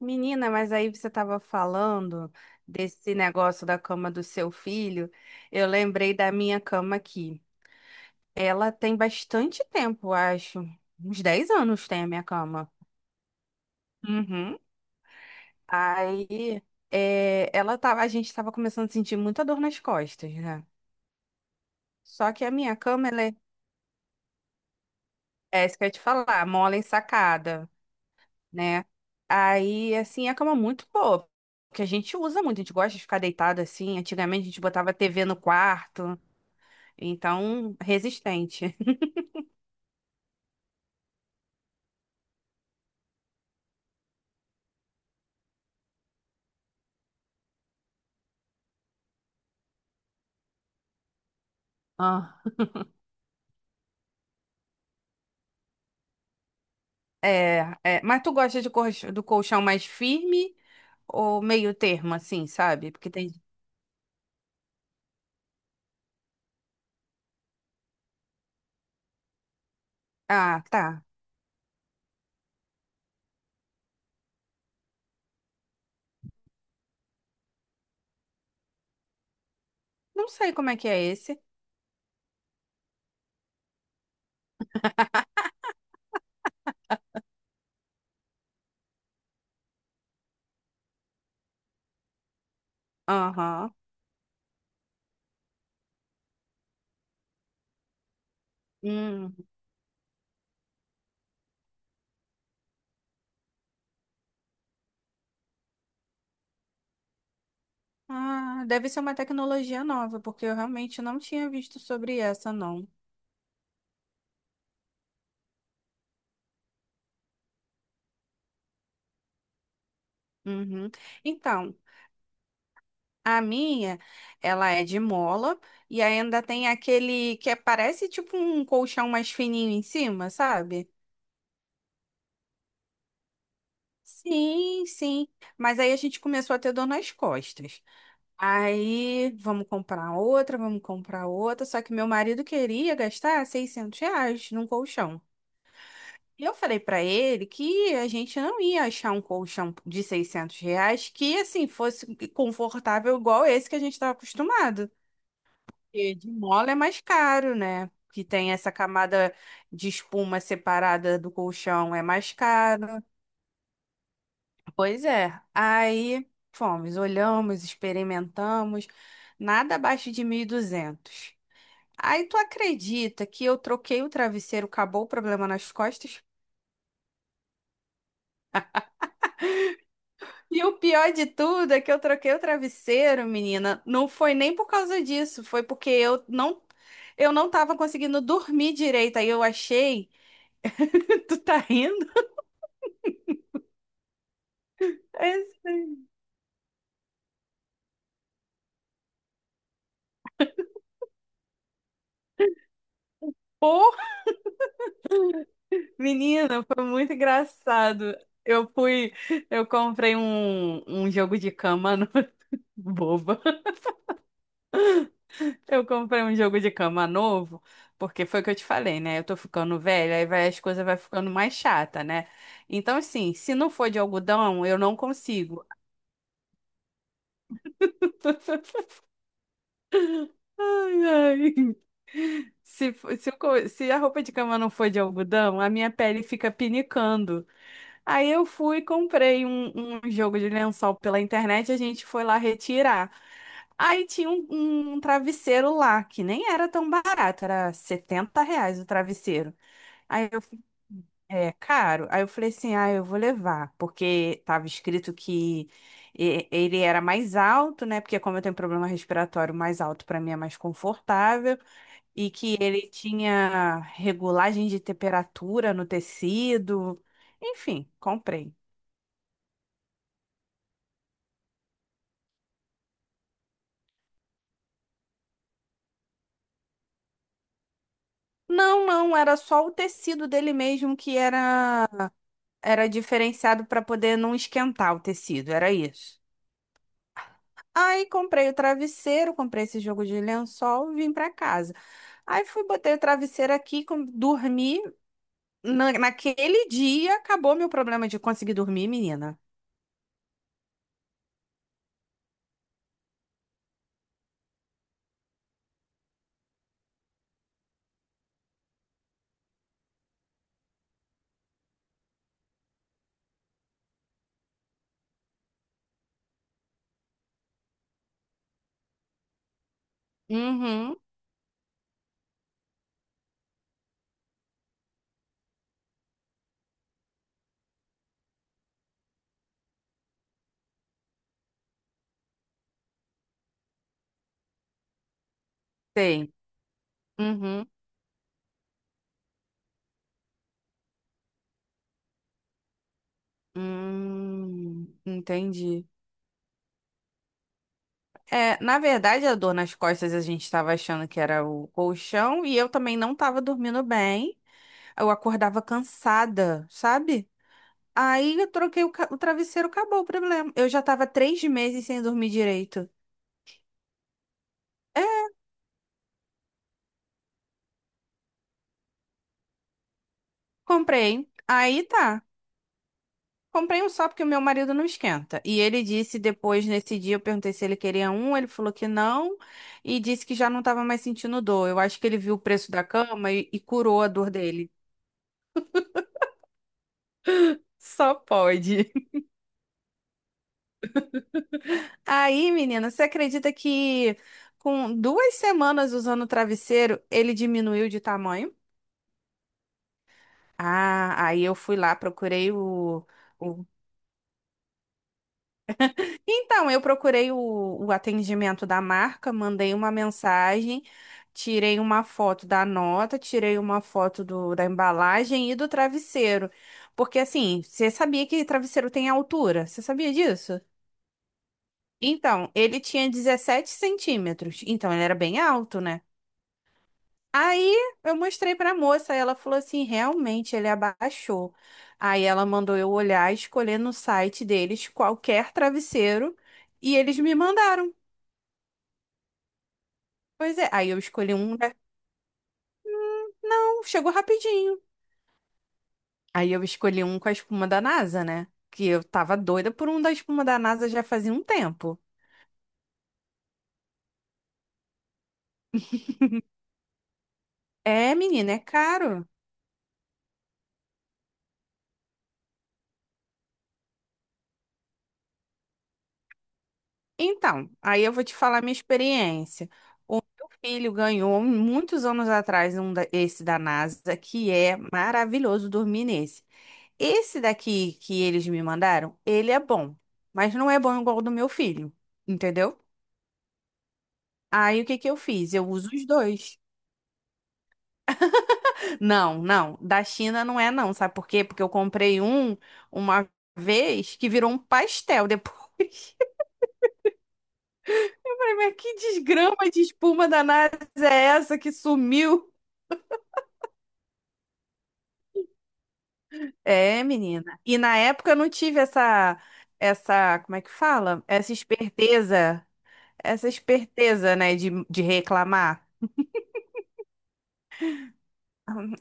Menina, mas aí você estava falando desse negócio da cama do seu filho. Eu lembrei da minha cama aqui. Ela tem bastante tempo, acho. Uns 10 anos tem a minha cama. Uhum. Aí, é, ela tava, a gente estava começando a sentir muita dor nas costas, né? Só que a minha cama, ela é, é isso que eu ia te falar, mola ensacada, né? Aí, assim, é a cama é muito boa, porque a gente usa muito, a gente gosta de ficar deitado assim. Antigamente a gente botava TV no quarto. Então, resistente. Ah, é, é. Mas tu gosta de do colchão mais firme ou meio termo, assim, sabe? Porque tem. Ah, tá. Não sei como é que é esse. Aham. Hum. Ah, deve ser uma tecnologia nova, porque eu realmente não tinha visto sobre essa, não. Uhum. Então, a minha, ela é de mola e ainda tem aquele que parece tipo um colchão mais fininho em cima, sabe? Sim, sim. Mas aí a gente começou a ter dor nas costas. Aí, vamos comprar outra, vamos comprar outra. Só que meu marido queria gastar 600 reais num colchão. E eu falei pra ele que a gente não ia achar um colchão de 600 reais que, assim, fosse confortável igual esse que a gente estava acostumado. Porque de mola é mais caro, né? Que tem essa camada de espuma separada do colchão, é mais caro. Pois é. Aí fomos, olhamos, experimentamos, nada abaixo de mil e duzentos. Aí tu acredita que eu troquei o travesseiro, acabou o problema nas costas? E o pior de tudo é que eu troquei o travesseiro, menina. Não foi nem por causa disso, foi porque eu não tava conseguindo dormir direito. Aí eu achei, tu tá rindo? É assim. Menina, foi muito engraçado. Eu fui, eu comprei um jogo de cama no... boba. Eu comprei um jogo de cama novo, porque foi o que eu te falei, né? Eu tô ficando velha, aí vai, as coisas vai ficando mais chata, né? Então, assim, se não for de algodão, eu não consigo. Ai, ai. Se, fo- se, o co- se a roupa de cama não for de algodão, a minha pele fica pinicando. Aí eu fui e comprei um jogo de lençol pela internet, a gente foi lá retirar. Aí tinha um travesseiro lá, que nem era tão barato, era setenta reais o travesseiro. Aí eu fui, é caro. Aí eu falei assim, ah, eu vou levar, porque tava escrito que ele era mais alto, né? Porque como eu tenho problema respiratório, mais alto para mim é mais confortável e que ele tinha regulagem de temperatura no tecido. Enfim, comprei. Não, não, era só o tecido dele mesmo que era diferenciado para poder não esquentar o tecido, era isso. Aí comprei o travesseiro, comprei esse jogo de lençol, e vim para casa. Aí fui, botei o travesseiro aqui, dormi. Naquele dia acabou meu problema de conseguir dormir, menina. Uhum, tem. Entendi. É, na verdade, a dor nas costas a gente estava achando que era o colchão e eu também não estava dormindo bem. Eu acordava cansada, sabe? Aí eu troquei o travesseiro, acabou o problema. Eu já estava três meses sem dormir direito. É, comprei. Aí tá. Comprei um só porque o meu marido não esquenta. E ele disse depois, nesse dia, eu perguntei se ele queria um, ele falou que não e disse que já não estava mais sentindo dor. Eu acho que ele viu o preço da cama e curou a dor dele. Só pode. Aí, menina, você acredita que com duas semanas usando o travesseiro, ele diminuiu de tamanho? Ah, aí eu fui lá, procurei o. o- Então, eu procurei o atendimento da marca, mandei uma mensagem, tirei uma foto da nota, tirei uma foto do, da embalagem e do travesseiro. Porque, assim, você sabia que travesseiro tem altura? Você sabia disso? Então, ele tinha 17 centímetros, então ele era bem alto, né? Aí eu mostrei pra moça, ela falou assim: realmente ele abaixou. Aí ela mandou eu olhar, escolher no site deles qualquer travesseiro e eles me mandaram. Pois é, aí eu escolhi um, né? Então, chegou rapidinho. Aí eu escolhi um com a espuma da NASA, né? Que eu tava doida por um da espuma da NASA já fazia um tempo. É, menina, é caro. Então, aí eu vou te falar minha experiência. O meu filho ganhou muitos anos atrás um esse da NASA, que é maravilhoso dormir nesse. Esse daqui que eles me mandaram, ele é bom, mas não é bom igual o do meu filho, entendeu? Aí o que que eu fiz? Eu uso os dois. Não, não, da China não é não, sabe por quê? Porque eu comprei um uma vez que virou um pastel depois. Eu Mas que desgrama de espuma da NASA é essa que sumiu? É, menina. E na época eu não tive essa, como é que fala? Essa esperteza, né, de reclamar.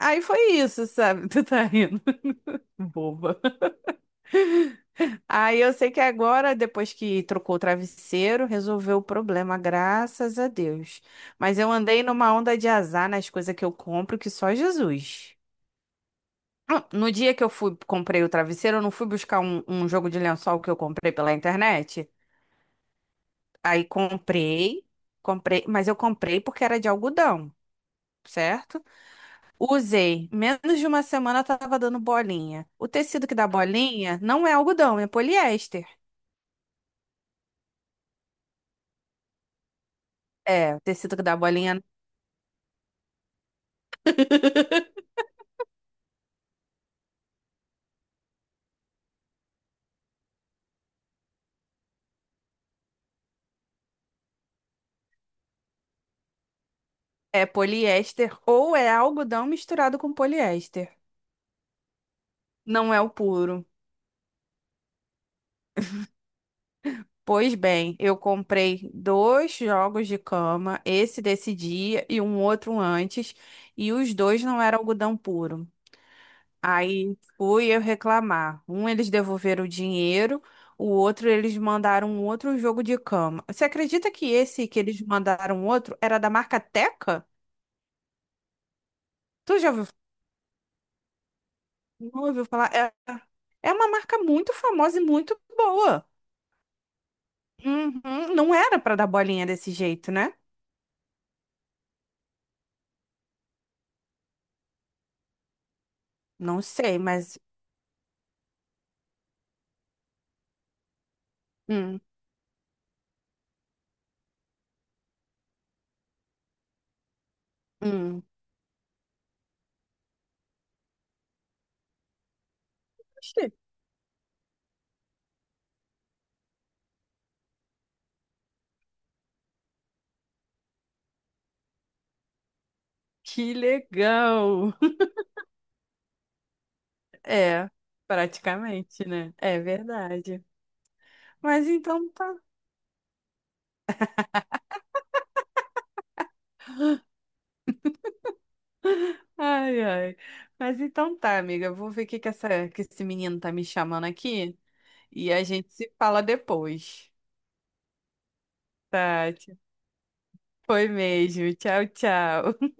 Aí foi isso, sabe? Tu tá rindo, boba. Aí eu sei que agora, depois que trocou o travesseiro, resolveu o problema, graças a Deus. Mas eu andei numa onda de azar nas coisas que eu compro, que só Jesus. Ah, no dia que eu fui, comprei o travesseiro, eu não fui buscar um jogo de lençol que eu comprei pela internet? Aí comprei, comprei, mas eu comprei porque era de algodão, certo? Usei. Menos de uma semana tava dando bolinha. O tecido que dá bolinha não é algodão, é poliéster. É, o tecido que dá bolinha é poliéster ou é algodão misturado com poliéster. Não é o puro. Pois bem, eu comprei dois jogos de cama, esse desse dia e um outro antes, e os dois não eram algodão puro. Aí fui eu reclamar. Um, eles devolveram o dinheiro, o outro, eles mandaram um outro jogo de cama. Você acredita que esse que eles mandaram um outro era da marca Teca? Tu já ouviu, não ouviu falar? É, é uma marca muito famosa e muito boa. Uhum. Não era pra dar bolinha desse jeito, né? Não sei, mas. Hum, hum. Oxê. Que legal! É, praticamente, né? É verdade. Mas então tá. Ai, ai. Mas então tá, amiga. Eu vou ver o que que essa, que esse menino tá me chamando aqui e a gente se fala depois. Tá, foi mesmo. Tchau, tchau.